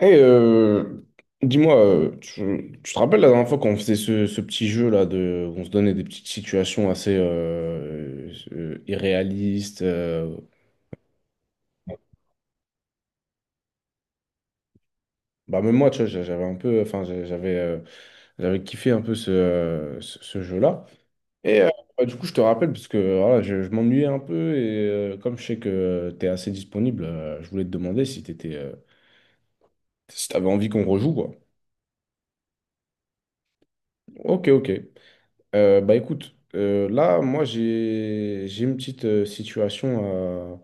Et euh, dis-moi, tu te rappelles la dernière fois qu'on faisait ce petit jeu là de, on se donnait des petites situations assez irréalistes. Bah même moi, tu vois, j'avais un peu, j'avais kiffé un peu ce jeu-là. Et euh, du coup, je te rappelle parce que voilà, je m'ennuyais un peu et comme je sais que tu es assez disponible, je voulais te demander si si t'avais envie qu'on rejoue quoi. Ok, ok. Bah écoute, là, moi, j'ai une petite situation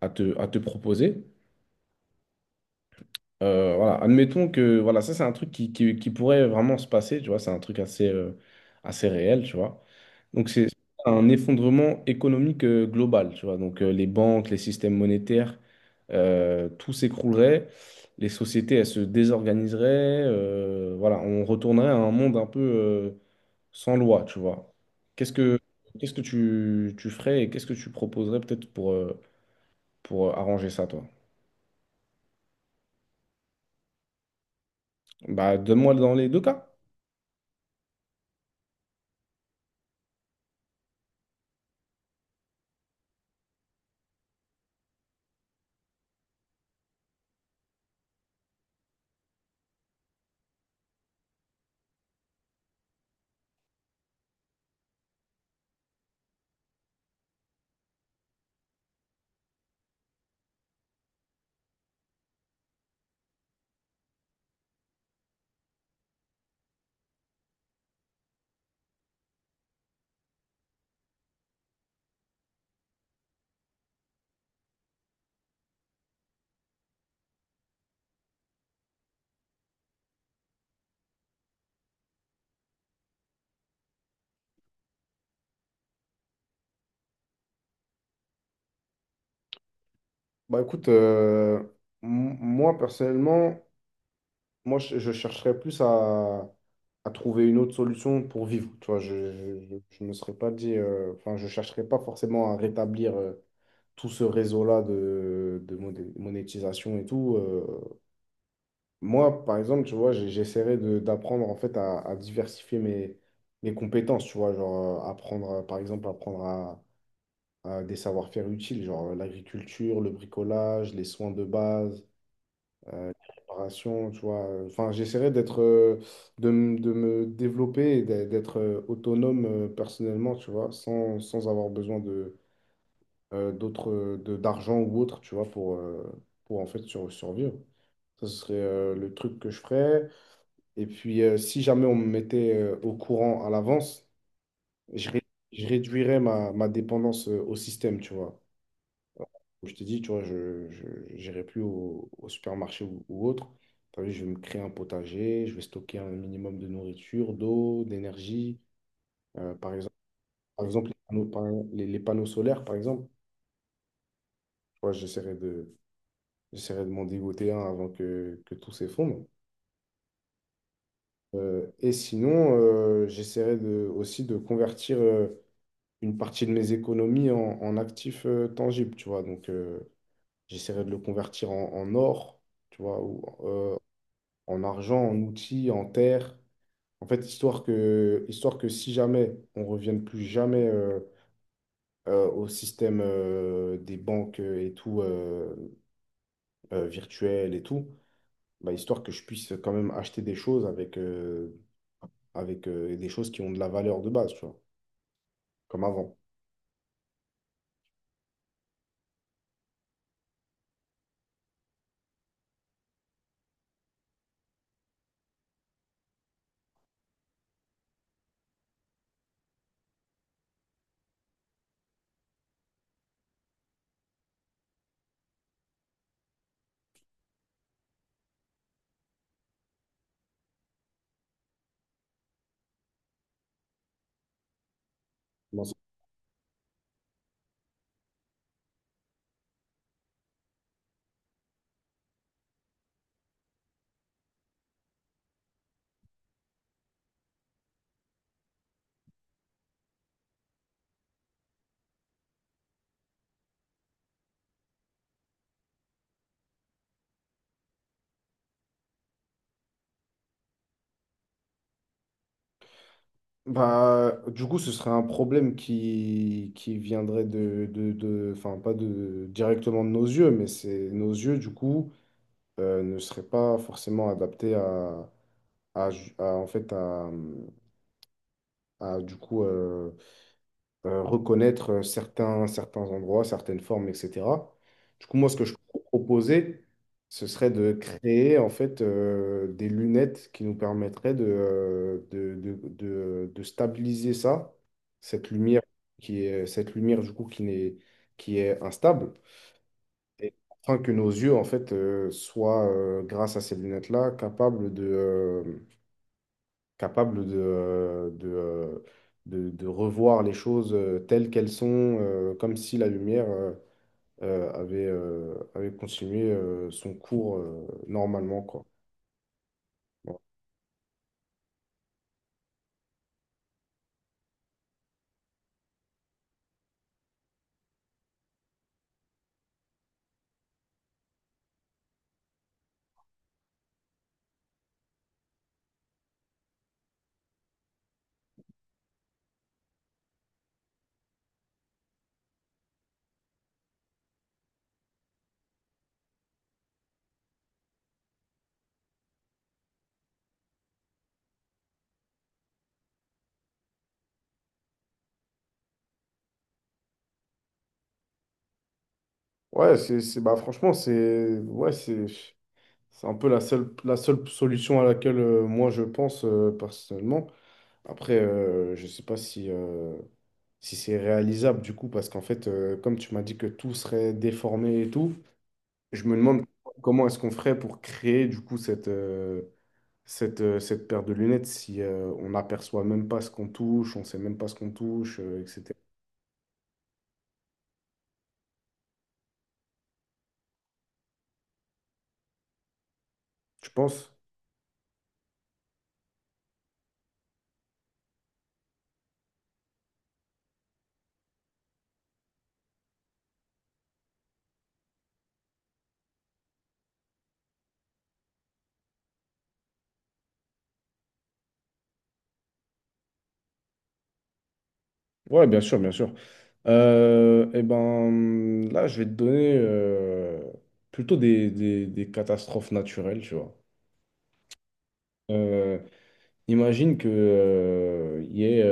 à te proposer. Voilà, admettons que, voilà, ça, c'est un truc qui pourrait vraiment se passer, tu vois, c'est un truc assez réel, tu vois. Donc, c'est un effondrement économique global, tu vois. Donc, les banques, les systèmes monétaires, tout s'écroulerait, les sociétés, elles se désorganiseraient, voilà, on retournerait à un monde un peu... sans loi, tu vois. Qu'est-ce que qu'est-ce que tu ferais et qu'est-ce que tu proposerais peut-être pour arranger ça, toi? Bah, donne-moi dans les deux cas. Bah écoute, moi personnellement, je chercherais plus à trouver une autre solution pour vivre. Tu vois, je me serais pas dit, enfin, je chercherais pas forcément à rétablir tout ce réseau-là de monétisation et tout. Moi, par exemple, tu vois, j'essaierai de d'apprendre en fait à diversifier mes, mes compétences, tu vois, genre apprendre, par exemple, apprendre à des savoir-faire utiles, genre l'agriculture, le bricolage, les soins de base, la préparation, tu vois. Enfin, j'essaierai de me développer, et d'être autonome personnellement, tu vois, sans avoir besoin de, d'argent ou autre, tu vois, pour en fait survivre. Ça, ce serait le truc que je ferais. Et puis, si jamais on me mettait au courant à l'avance, je, ré- je réduirais ma, ma dépendance au système, tu vois. Alors, comme je te dis, tu vois, je n'irai plus au supermarché ou autre. T'as vu, je vais me créer un potager, je vais stocker un minimum de nourriture, d'eau, d'énergie. Par exemple, par exemple, les panneaux solaires, par exemple. Tu vois, j'essaierai de m'en dégoter un avant que tout s'effondre. Et sinon, j'essaierai de, aussi de convertir. Une partie de mes économies en, en actifs tangibles, tu vois. Donc, j'essaierai de le convertir en, en or, tu vois, ou euh, en argent, en outils, en terre. En fait, histoire que si jamais on revienne plus jamais au système des banques et tout, virtuel et tout, bah, histoire que je puisse quand même acheter des choses avec, des choses qui ont de la valeur de base, tu vois, comme avant. Bah, du coup, ce serait un problème qui viendrait de- enfin, pas de, directement de nos yeux, mais c'est nos yeux, du coup, ne seraient pas forcément adaptés à, ju- à, en fait, à, du coup, reconnaître certains, certains endroits, certaines formes, etc. Du coup, moi, ce que je proposais, ce serait de créer en fait des lunettes qui nous permettraient de stabiliser ça, cette lumière qui est cette lumière du coup qui n'est qui est instable, et afin que nos yeux en fait soient grâce à ces lunettes-là capable de revoir les choses telles qu'elles sont, comme si la lumière avait continué son cours normalement, quoi. Bon. Ouais, bah, franchement, c'est un peu la seule solution à laquelle moi je pense personnellement. Après, je sais pas si, si c'est réalisable du coup, parce qu'en fait, comme tu m'as dit que tout serait déformé et tout, je me demande comment est-ce qu'on ferait pour créer du coup cette paire de lunettes si on n'aperçoit même pas ce qu'on touche, on sait même pas ce qu'on touche, etc. Tu penses? Ouais, bien sûr, bien sûr. Eh ben, là, je vais te donner plutôt des, des catastrophes naturelles, tu vois. Euh, Imagine que il y ait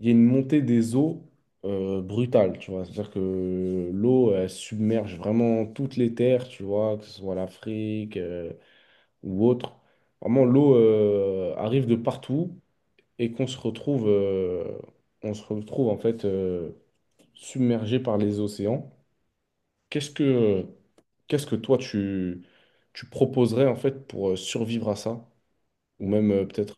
il y a une montée des eaux brutale, tu vois. C'est-à-dire que l'eau, elle submerge vraiment toutes les terres, tu vois, que ce soit l'Afrique ou autre. Vraiment, l'eau arrive de partout et qu'on se on se retrouve en fait submergé par les océans. Qu'est-ce que, qu'est-ce que toi, tu proposerais en fait pour survivre à ça? Ou même peut-être...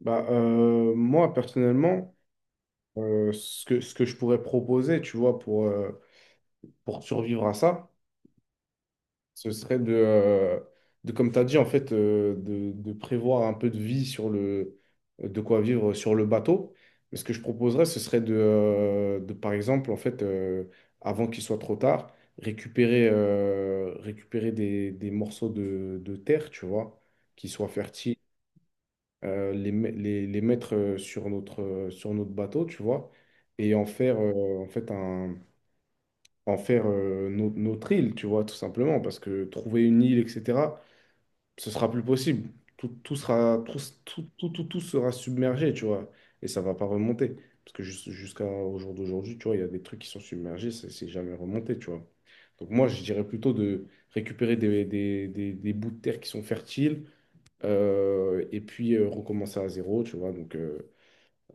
Bah, moi, personnellement, ce que je pourrais proposer, tu vois, pour survivre à ça, ce serait de comme tu as dit, en fait, de prévoir un peu de vie sur le, de quoi vivre sur le bateau. Mais ce que je proposerais, ce serait de, par exemple, en fait, avant qu'il soit trop tard, récupérer des morceaux de terre, tu vois, qui soient fertiles, les mettre sur notre bateau, tu vois et en faire en fait un, en faire no- notre île, tu vois, tout simplement, parce que trouver une île, etc., ce sera plus possible. Tout, tout sera, tout, tout, tout, tout, tout sera submergé, tu vois, et ça va pas remonter. Parce que jusqu'à au jour d'aujourd'hui, tu vois, il y a des trucs qui sont submergés, c'est jamais remonté, tu vois. Donc moi, je dirais plutôt de récupérer des bouts de terre qui sont fertiles et puis recommencer à zéro, tu vois. Donc, euh,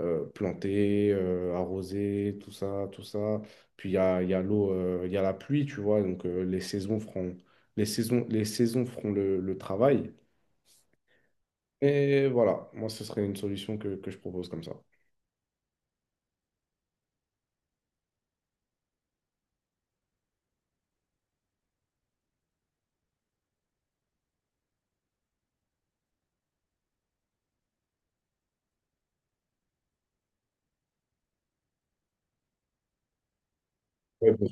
euh, planter, arroser, tout ça, tout ça. Puis il y a l'eau, il y a la pluie, tu vois, donc les saisons les saisons, les saisons feront le travail. Et voilà, moi, ce serait une solution que je propose comme ça. Ouais, bon.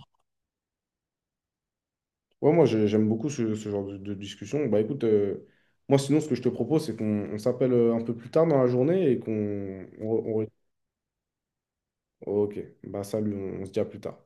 Ouais, moi, j'aime beaucoup ce, ce genre de discussion. Bah écoute, moi, sinon, ce que je te propose, c'est qu'on on s'appelle un peu plus tard dans la journée et qu'on... Ok, bah salut, on se dit à plus tard.